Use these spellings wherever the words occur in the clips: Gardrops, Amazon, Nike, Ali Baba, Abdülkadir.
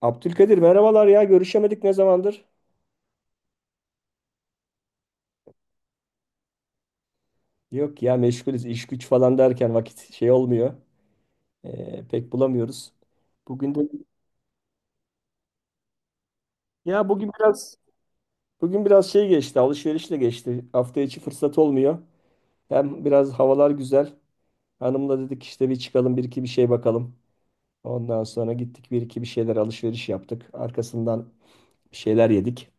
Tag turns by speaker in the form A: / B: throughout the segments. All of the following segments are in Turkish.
A: Abdülkadir merhabalar ya görüşemedik ne zamandır? Yok ya meşgulüz iş güç falan derken vakit şey olmuyor. Pek bulamıyoruz. Bugün de ya bugün biraz bugün biraz şey geçti alışverişle geçti. Hafta içi fırsat olmuyor. Hem biraz havalar güzel. Hanımla dedik işte bir çıkalım bir iki bir şey bakalım. Ondan sonra gittik bir iki bir şeyler alışveriş yaptık. Arkasından bir şeyler yedik.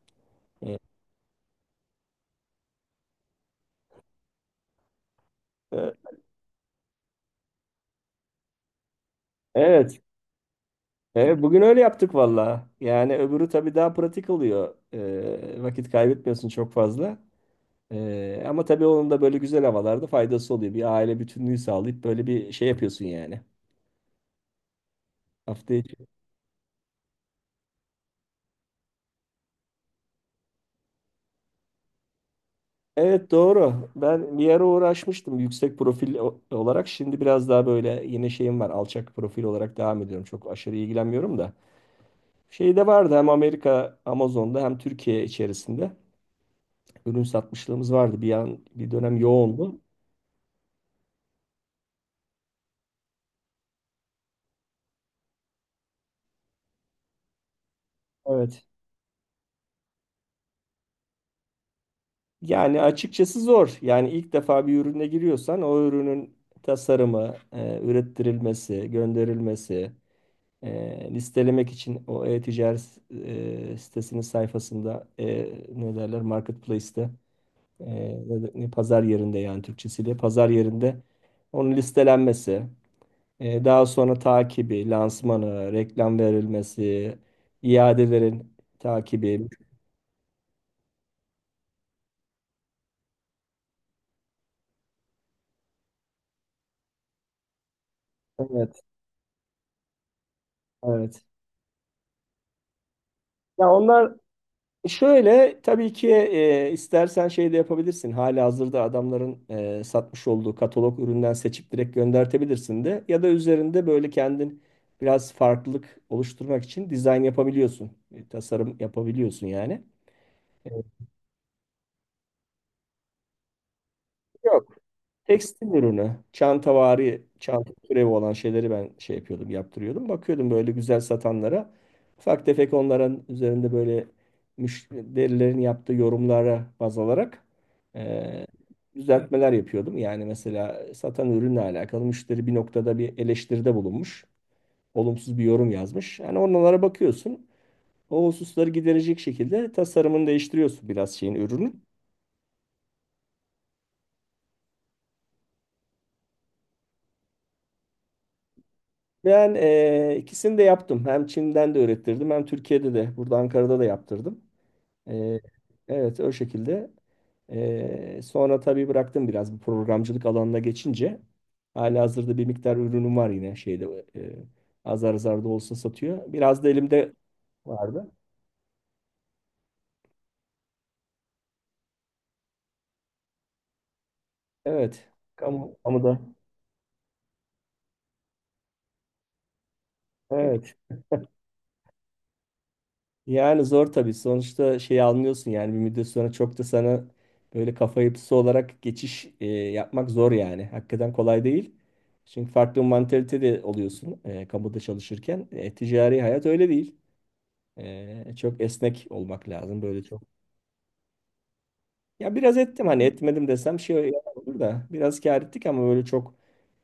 A: Ee, Evet. Evet, bugün öyle yaptık valla. Yani öbürü tabii daha pratik oluyor. Vakit kaybetmiyorsun çok fazla. Ama tabii onun da böyle güzel havalarda faydası oluyor. Bir aile bütünlüğü sağlayıp böyle bir şey yapıyorsun yani. Hafta içi. Evet, doğru. Ben bir ara uğraşmıştım yüksek profil olarak. Şimdi biraz daha böyle yeni şeyim var. Alçak profil olarak devam ediyorum. Çok aşırı ilgilenmiyorum da. Şey de vardı, hem Amerika Amazon'da hem Türkiye içerisinde ürün satmışlığımız vardı. Bir an bir dönem yoğundu. Evet. Yani açıkçası zor. Yani ilk defa bir ürüne giriyorsan o ürünün tasarımı, ürettirilmesi, gönderilmesi, listelemek için o e-ticaret sitesinin sayfasında ne derler marketplace'te e, pazar yerinde, yani Türkçesiyle pazar yerinde onun listelenmesi, daha sonra takibi, lansmanı, reklam verilmesi, iadelerin takibi. Evet, evet. Ya onlar Şöyle, tabii ki istersen şey de yapabilirsin. Halihazırda adamların satmış olduğu katalog üründen seçip direkt göndertebilirsin de. Ya da üzerinde böyle kendin biraz farklılık oluşturmak için dizayn yapabiliyorsun. Tasarım yapabiliyorsun yani. E, Yok. Tekstil ürünü, çantavari, çanta türevi olan şeyleri ben şey yapıyordum, yaptırıyordum. Bakıyordum böyle güzel satanlara. Ufak tefek onların üzerinde böyle müşterilerin yaptığı yorumlara baz alarak e, düzeltmeler yapıyordum. Yani mesela satan ürünle alakalı müşteri bir noktada bir eleştiride bulunmuş. Olumsuz bir yorum yazmış. Yani onlara bakıyorsun. O hususları giderecek şekilde tasarımını değiştiriyorsun biraz şeyin, ürünün. Ben ikisini de yaptım. Hem Çin'den de öğrettirdim hem Türkiye'de de burada Ankara'da da yaptırdım. E, evet, o şekilde. Sonra tabii bıraktım biraz, bu programcılık alanına geçince. Halihazırda bir miktar ürünüm var, yine şeyde azar azar da olsa satıyor. Biraz da elimde vardı. Evet. Kamuda. Evet. Yani zor tabii. Sonuçta şey anlıyorsun, yani bir müddet sonra çok da sana böyle kafa yapısı olarak geçiş yapmak zor yani. Hakikaten kolay değil. Çünkü farklı bir mantalite de oluyorsun kamuda çalışırken. Ticari hayat öyle değil. Çok esnek olmak lazım. Böyle çok Ya biraz ettim, hani etmedim desem şey yalan olur da biraz kâr ettik, ama böyle çok,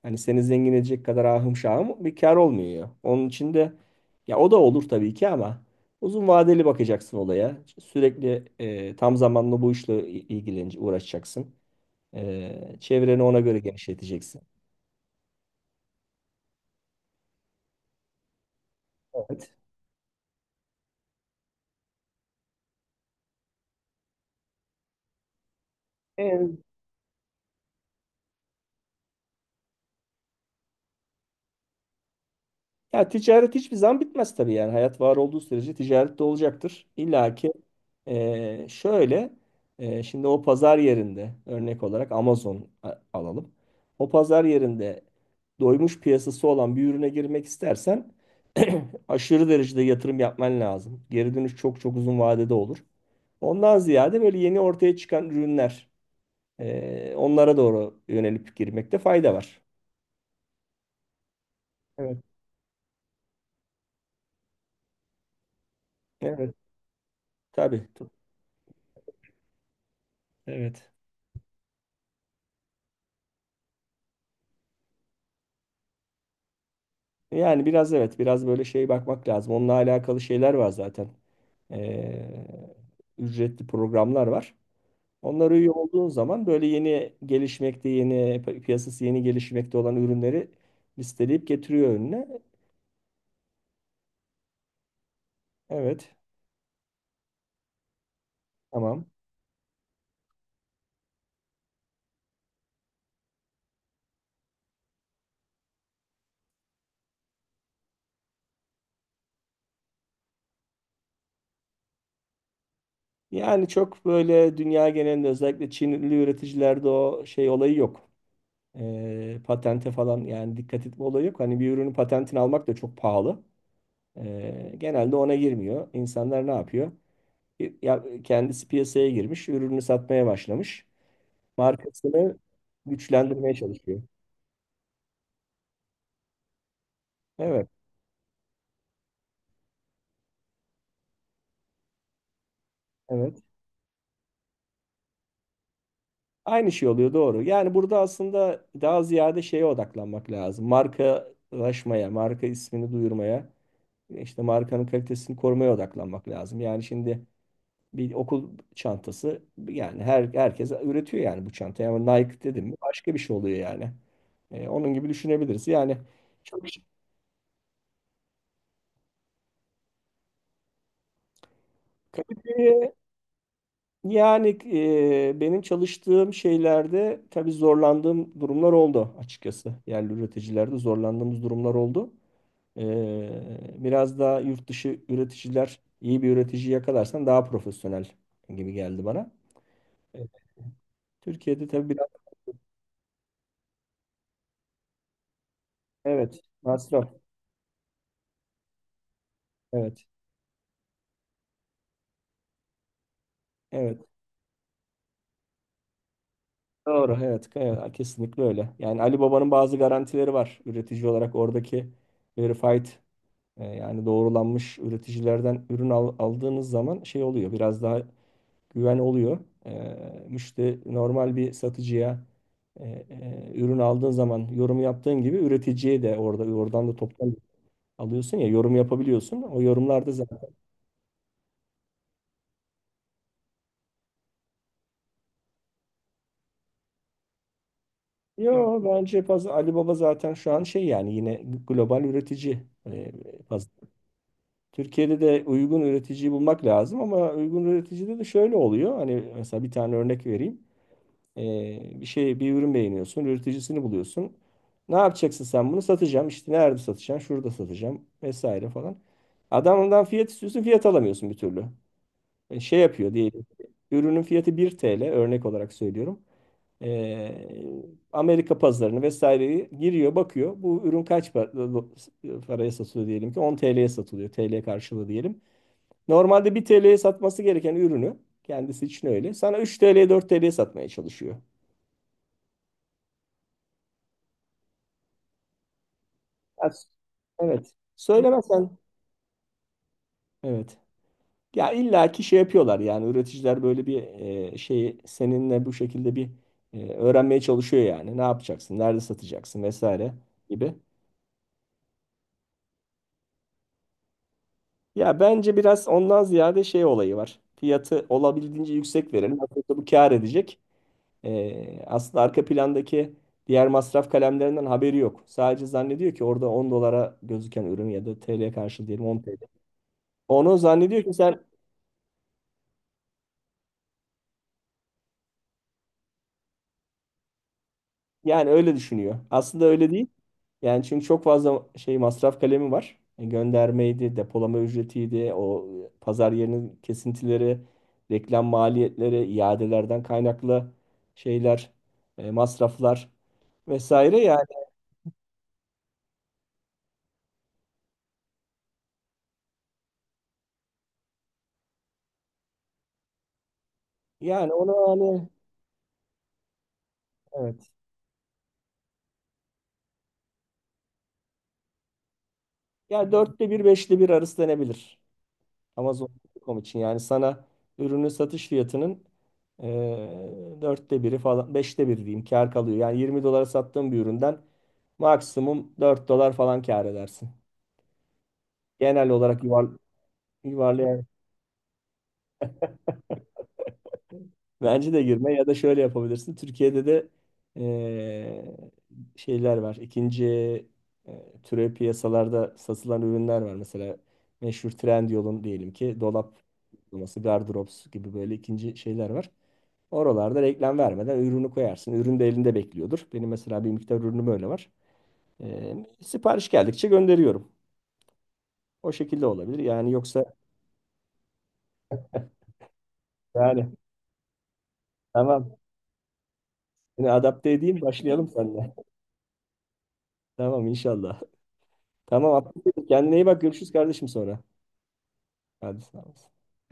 A: hani seni zengin edecek kadar ahım şahım bir kâr olmuyor. Onun için de ya o da olur tabii ki, ama uzun vadeli bakacaksın olaya. Sürekli tam zamanlı bu işle ilgileneceksin, uğraşacaksın. Çevreni ona göre genişleteceksin. Evet. E, Ya ticaret hiçbir zaman bitmez tabii yani. Hayat var olduğu sürece ticaret de olacaktır. İlla ki şöyle şimdi o pazar yerinde örnek olarak Amazon alalım. O pazar yerinde doymuş piyasası olan bir ürüne girmek istersen aşırı derecede yatırım yapman lazım. Geri dönüş çok çok uzun vadede olur. Ondan ziyade böyle yeni ortaya çıkan ürünler, onlara doğru yönelip girmekte fayda var. Evet. Evet, tabii. Evet. Yani biraz, evet, biraz böyle şey bakmak lazım. Onunla alakalı şeyler var zaten. Ee, Ücretli programlar var. Onlara üye olduğun zaman böyle yeni gelişmekte, yeni piyasası yeni gelişmekte olan ürünleri listeleyip getiriyor önüne. Evet, tamam. Yani çok böyle dünya genelinde özellikle Çinli üreticilerde o şey olayı yok. Patente falan, yani dikkat etme olayı yok. Hani bir ürünün patentini almak da çok pahalı. Genelde ona girmiyor. İnsanlar ne yapıyor? Ya kendisi piyasaya girmiş, ürünü satmaya başlamış. Markasını güçlendirmeye çalışıyor. Evet, evet. Aynı şey oluyor, doğru. Yani burada aslında daha ziyade şeye odaklanmak lazım. Markalaşmaya, marka ismini duyurmaya, işte markanın kalitesini korumaya odaklanmak lazım. Yani şimdi bir okul çantası, yani herkes üretiyor yani bu çantayı, ama Nike dedim mi başka bir şey oluyor yani. Onun gibi düşünebiliriz. Yani çok kaliteye Yani benim çalıştığım şeylerde tabii zorlandığım durumlar oldu açıkçası. Yerli üreticilerde zorlandığımız durumlar oldu. Biraz daha yurt dışı üreticiler, iyi bir üretici yakalarsan daha profesyonel gibi geldi bana. Evet. Türkiye'de tabii biraz, evet, masraf. Evet. Evet. Doğru. Evet, evet. Kesinlikle öyle. Yani Ali Baba'nın bazı garantileri var. Üretici olarak oradaki verified, yani doğrulanmış üreticilerden ürün aldığınız zaman şey oluyor, biraz daha güven oluyor. E, Müşteri normal bir satıcıya e, ürün aldığın zaman yorum yaptığın gibi, üreticiye de oradan da toptan alıyorsun ya, yorum yapabiliyorsun. O yorumlarda zaten. Yo, bence Ali Baba zaten şu an şey yani, yine global üretici, e, paz- Türkiye'de de uygun üreticiyi bulmak lazım, ama uygun üreticide de şöyle oluyor. Hani mesela bir tane örnek vereyim. Bir ürün beğeniyorsun, üreticisini buluyorsun. Ne yapacaksın sen bunu? Satacağım. İşte nerede satacağım? Şurada satacağım vesaire falan. Adamdan fiyat istiyorsun, fiyat alamıyorsun bir türlü. Şey yapıyor diyelim. Ürünün fiyatı 1 TL, örnek olarak söylüyorum. Ee, Amerika pazarını vesaireyi giriyor, bakıyor. Bu ürün kaç paraya satılıyor, diyelim ki 10 TL'ye satılıyor. TL karşılığı diyelim. Normalde 1 TL'ye satması gereken ürünü, kendisi için öyle, sana 3 TL'ye 4 TL'ye satmaya çalışıyor. Ya, Evet. Söylemesen. Evet. Ya, illaki şey yapıyorlar yani üreticiler, böyle bir şeyi seninle bu şekilde bir öğrenmeye çalışıyor yani. Ne yapacaksın? Nerede satacaksın vesaire gibi. Ya, bence biraz ondan ziyade şey olayı var. Fiyatı olabildiğince yüksek verelim, aslında bu kâr edecek. Aslında arka plandaki diğer masraf kalemlerinden haberi yok. Sadece zannediyor ki orada 10 dolara gözüken ürün, ya da TL karşılığı diyelim 10 TL. Onu zannediyor ki sen. Yani öyle düşünüyor. Aslında öyle değil. Yani çünkü çok fazla şey masraf kalemi var. Göndermeydi, depolama ücretiydi, o pazar yerinin kesintileri, reklam maliyetleri, iadelerden kaynaklı şeyler, masraflar vesaire. Yani ona hani, evet. Yani dörtte bir, beşte bir arası denebilir. Amazon.com için yani sana ürünün satış fiyatının dörtte biri falan, beşte biri diyeyim, kar kalıyor. Yani 20 dolara sattığın bir üründen maksimum 4 dolar falan kar edersin. Genel olarak yuvarlayarak bence de girme, ya da şöyle yapabilirsin. Türkiye'de de eee, şeyler var. İkinci türev piyasalarda satılan ürünler var. Mesela meşhur Trendyol'un, diyelim ki dolap uygulaması, Gardrops gibi böyle ikinci şeyler var. Oralarda reklam vermeden ürünü koyarsın. Ürün de elinde bekliyordur. Benim mesela bir miktar ürünüm öyle var. Sipariş geldikçe gönderiyorum. O şekilde olabilir. Yani yoksa, yani, tamam. Seni adapte edeyim, başlayalım seninle. Tamam, inşallah. Tamam. Abdülkadir, kendine iyi bak. Görüşürüz kardeşim sonra. Hadi, sağ ol.